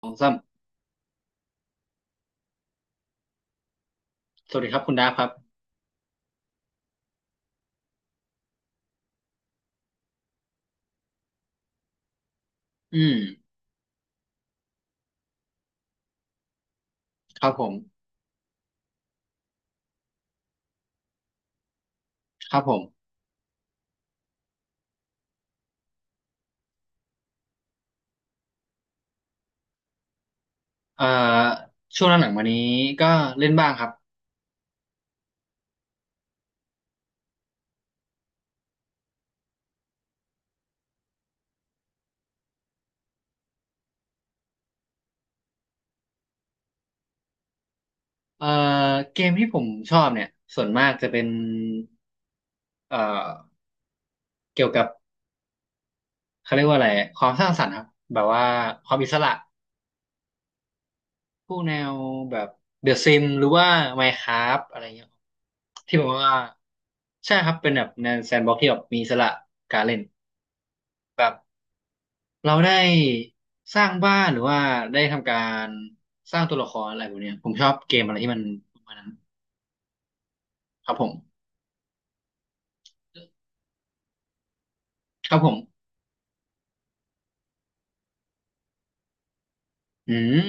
สองสามสวัสดีครับคุณดาฟครับ อืม ครับผม ครับผมเอ่อช่วงหลังๆมานี้ก็เล่นบ้างครับเอ่อเกมที่ผมชอบเนี่ยส่วนมากจะเป็นเอ่อเกี่ยวกับเขาเรียกว่าอะไรความสร้างสรรค์ครับแบบว่าความอิสระพวกแนวแบบเดอะซิมหรือว่า Minecraft อะไรเงี้ยที่แบบว่าใช่ครับเป็นแบบแนวแซนด์บ็อกซ์ที่แบบมีอิสระการเล่นแบบ เราได้สร้างบ้านหรือว่าได้ทำการสร้างตัวละครอะไรพวกเนี้ยผมชอบเกมอะไรที่มันประมาณนั้นครับผมครับผมอืม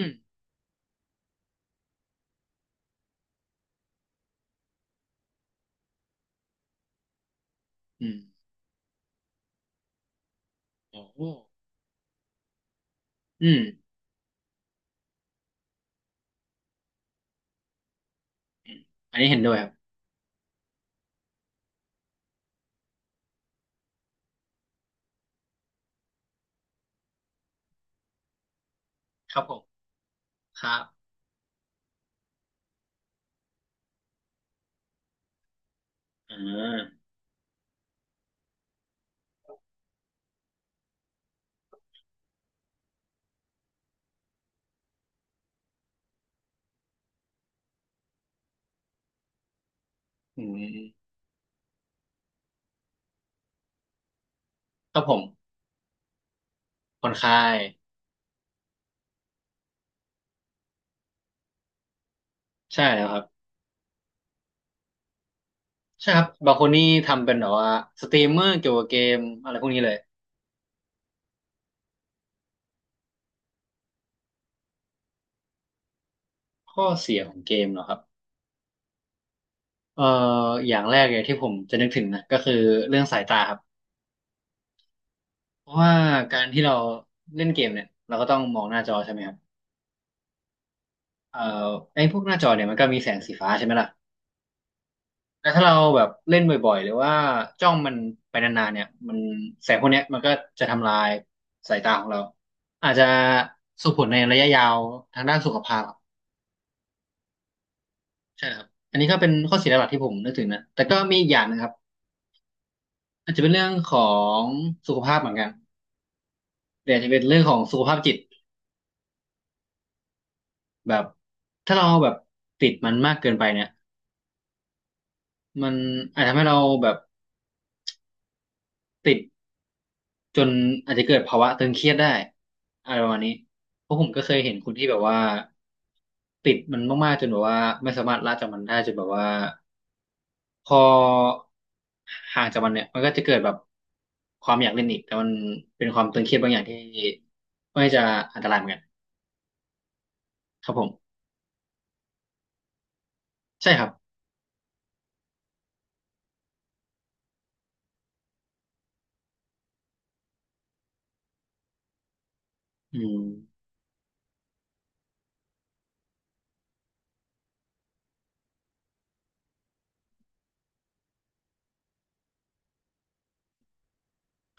อืมโอ้โหอืมอันนี้เห็นด้วยครับครับผมครับอ่าอืมครับผมผ่อนคลายใช่แล้วครับใช่ครับบางคนนี่ทำเป็นแบบว่าสตรีมเมอร์เกี่ยวกับเกมอะไรพวกนี้เลยข้อเสียของเกมเหรอครับเอ่ออย่างแรกเลยที่ผมจะนึกถึงนะก็คือเรื่องสายตาครับ เพราะว่าการที่เราเล่นเกมเนี่ยเราก็ต้องมองหน้าจอใช่ไหมครับเอ่อไอ้พวกหน้าจอเนี่ยมันก็มีแสงสีฟ้าใช่ไหมล่ะแล้วถ้าเราแบบเล่นบ่อยๆหรือว่าจ้องมันไปนานๆเนี่ยมันแสงพวกเนี้ยมันก็จะทำลายสายตาของเราอาจจะส่งผลในระยะยาวทางด้านสุขภาพครับใช่ครับอันนี้ก็เป็นข้อเสียหลักๆที่ผมนึกถึงนะแต่ก็มีอีกอย่างนะครับอาจจะเป็นเรื่องของสุขภาพเหมือนกันแต่อาจจะเป็นเรื่องของสุขภาพจิตแบบถ้าเราแบบติดมันมากเกินไปเนี่ย มันอาจทำให้เราแบบติดจนอาจจะเกิดภาวะตึงเครียดได้อะไรประมาณนี้เพราะผมก็เคยเห็นคนที่แบบว่าติดมันมากๆจนแบบว่าไม่สามารถละจากมันได้จนแบบว่าพอห่างจากมันเนี่ยมันก็จะเกิดแบบความอยากเล่นอีกแต่มันเป็นความตึงเครียดบางอย่างที่ไม่จะอันตรายเหมือนกันครับผมใช่ครับอืม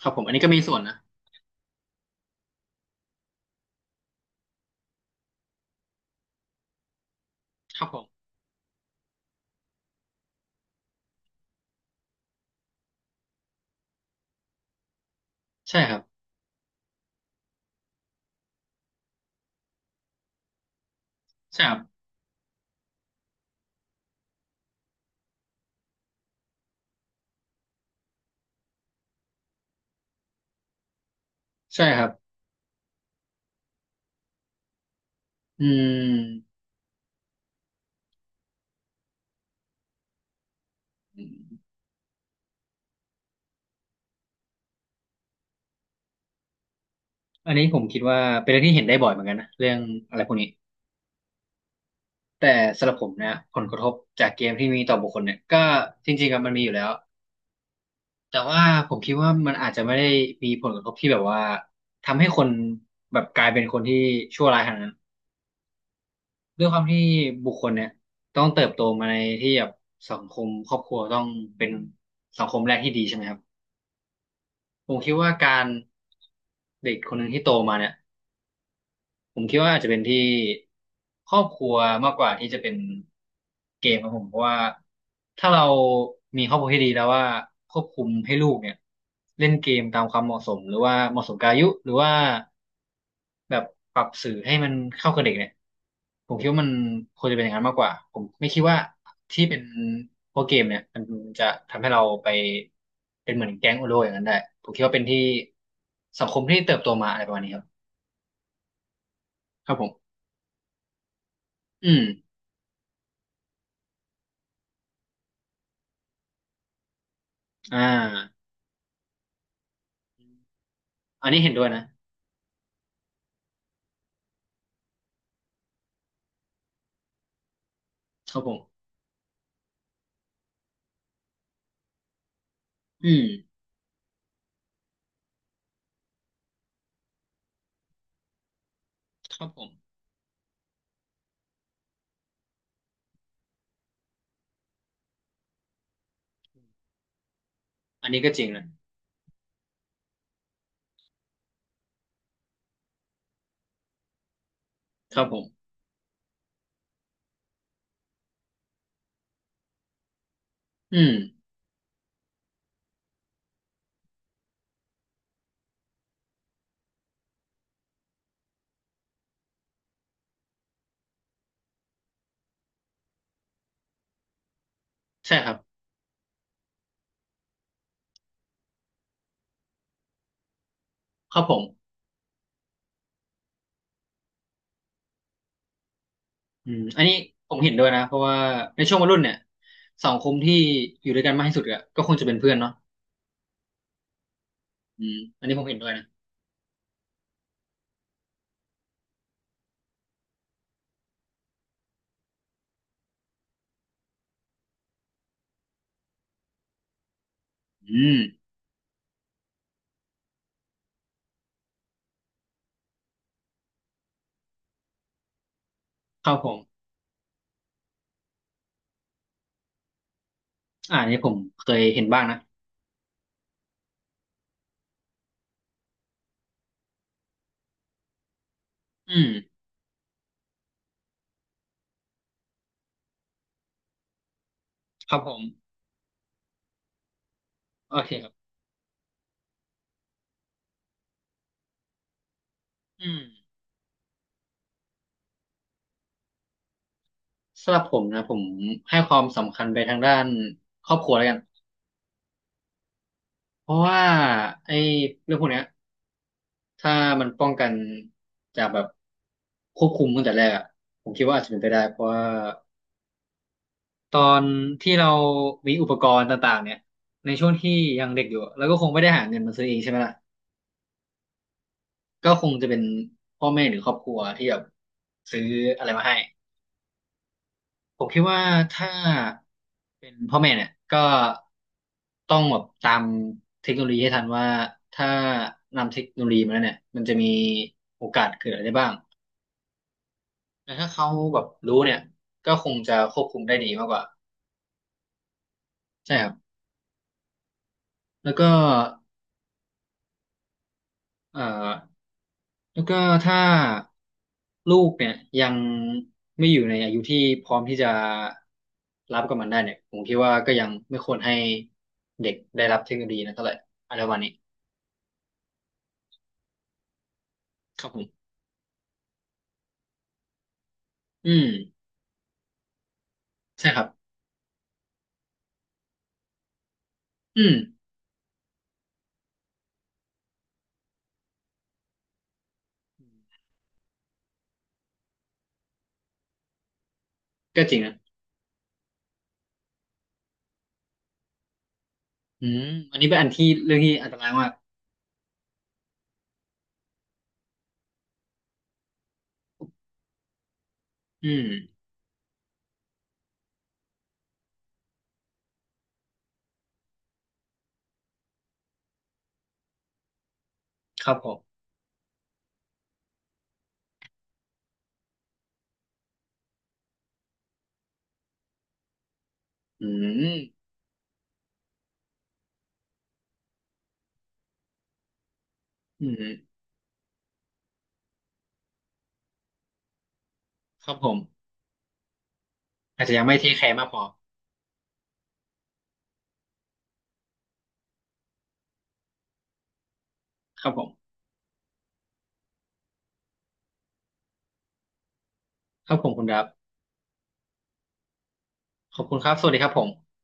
ครับผมอันนี้ก็มีส่วนนะครับผมใช่ครับใช่ครับใช่ครับอืม อันนี้ผมคิดว่าเป็นเรื่องที่เห็นได้บ่อยเหมือนกันนะเรื่องอะไรพวกนี้แต่สำหรับผมเนี่ยผลกระทบจากเกมที่มีต่อบุคคลเนี่ยก็จริงๆอะมันมีอยู่แล้วแต่ว่าผมคิดว่ามันอาจจะไม่ได้มีผลกระทบที่แบบว่าทำให้คนแบบกลายเป็นคนที่ชั่วร้ายขนาดนั้นด้วยความที่บุคคลเนี่ยต้องเติบโตมาในที่แบบสังคมครอบครัวต้องเป็นสังคมแรกที่ดีใช่ไหมครับผมคิดว่าการเด็กคนหนึ่งที่โตมาเนี่ย ผมคิดว่าอาจจะเป็นที่ครอบครัวมากกว่าที่จะเป็นเกมครับผมเพราะว่าถ้าเรามีครอบครัวที่ดีแล้วว่าควบคุมให้ลูกเนี่ยเล่นเกมตามความเหมาะสมหรือว่าเหมาะสมกับอายุหรือว่าแบบปรับสื่อให้มันเข้ากับเด็กเนี่ยผมคิดว่ามันควรจะเป็นอย่างนั้นมากกว่าผมไม่คิดว่าที่เป็นพวกเกมเนี่ยมันจะทำให้เราไปเป็นเหมือนแก๊งโอโลอย่างนั้นได้ผมคิดว่าเป็นที่สังคมที่เติบโตมาอะไรประมาณนี้ครับครับผมอืมอ่า อันนี้เห็นด้วยนะครับผมอืมครับผมอันนี้ก็จริงนะครับผมอืมใช่ครับครับผมอืมอันนี้ผมเห็นด้วยนะเพราะว่าในช่วงวัยรุ่นเนี่ยสังคมที่อยู่ด้วยกันมากที่สุดก็ก็คงจะเป็นเพื่อนเนาะอืมอันนี้ผมเห็นด้วยนะอืมครับผมอ่าอันนี้ผมเคยเห็นบ้างนะอืมครับผมโอเคครับอืมสำหรับผมนะผมให้ความสำคัญไปทางด้านครอบครัวแล้วกันเพราะว่าไอ้เรื่องพวกเนี้ย ถ้ามันป้องกันจากแบบควบคุมตั้งแต่แรกอะผมคิดว่าอาจจะเป็นไปได้เพราะว่าตอนที่เรามีอุปกรณ์ต่างๆเนี่ยในช่วงที่ยังเด็กอยู่อะแล้วก็คงไม่ได้หาเงินมาซื้อเองใช่ไหมล่ะก็คงจะเป็นพ่อแม่หรือครอบครัวที่แบบซื้ออะไรมาให้ผมคิดว่าถ้าเป็นพ่อแม่เนี่ยก็ต้องแบบตามเทคโนโลยีให้ทันว่าถ้านำเทคโนโลยีมาแล้วเนี่ยมันจะมีโอกาสเกิดอะไรได้บ้าง แต่ถ้าเขาแบบรู้เนี่ยก็คงจะควบคุมได้ดีมากกว่าใช่ครับแล้วก็เอ่อแล้วก็ถ้าลูกเนี่ยยังไม่อยู่ในอายุที่พร้อมที่จะรับกับมันได้เนี่ยผมคิดว่าก็ยังไม่ควรให้เด็กได้รับเทคโนโลยีนะเท่าไหร่อะไรประมาณนี้ครับผมอืมใช่ครับอืมก็จริงนะอืมอันนี้เป็นอันที่เรื่องที่อันตรายมากอืมครับผมอืมอืมครับผมอาจจะยังไม่เทคแคร์มากพอครับผม ครับผมคุณดับ ขอบคุณครับสวัสดีครับผม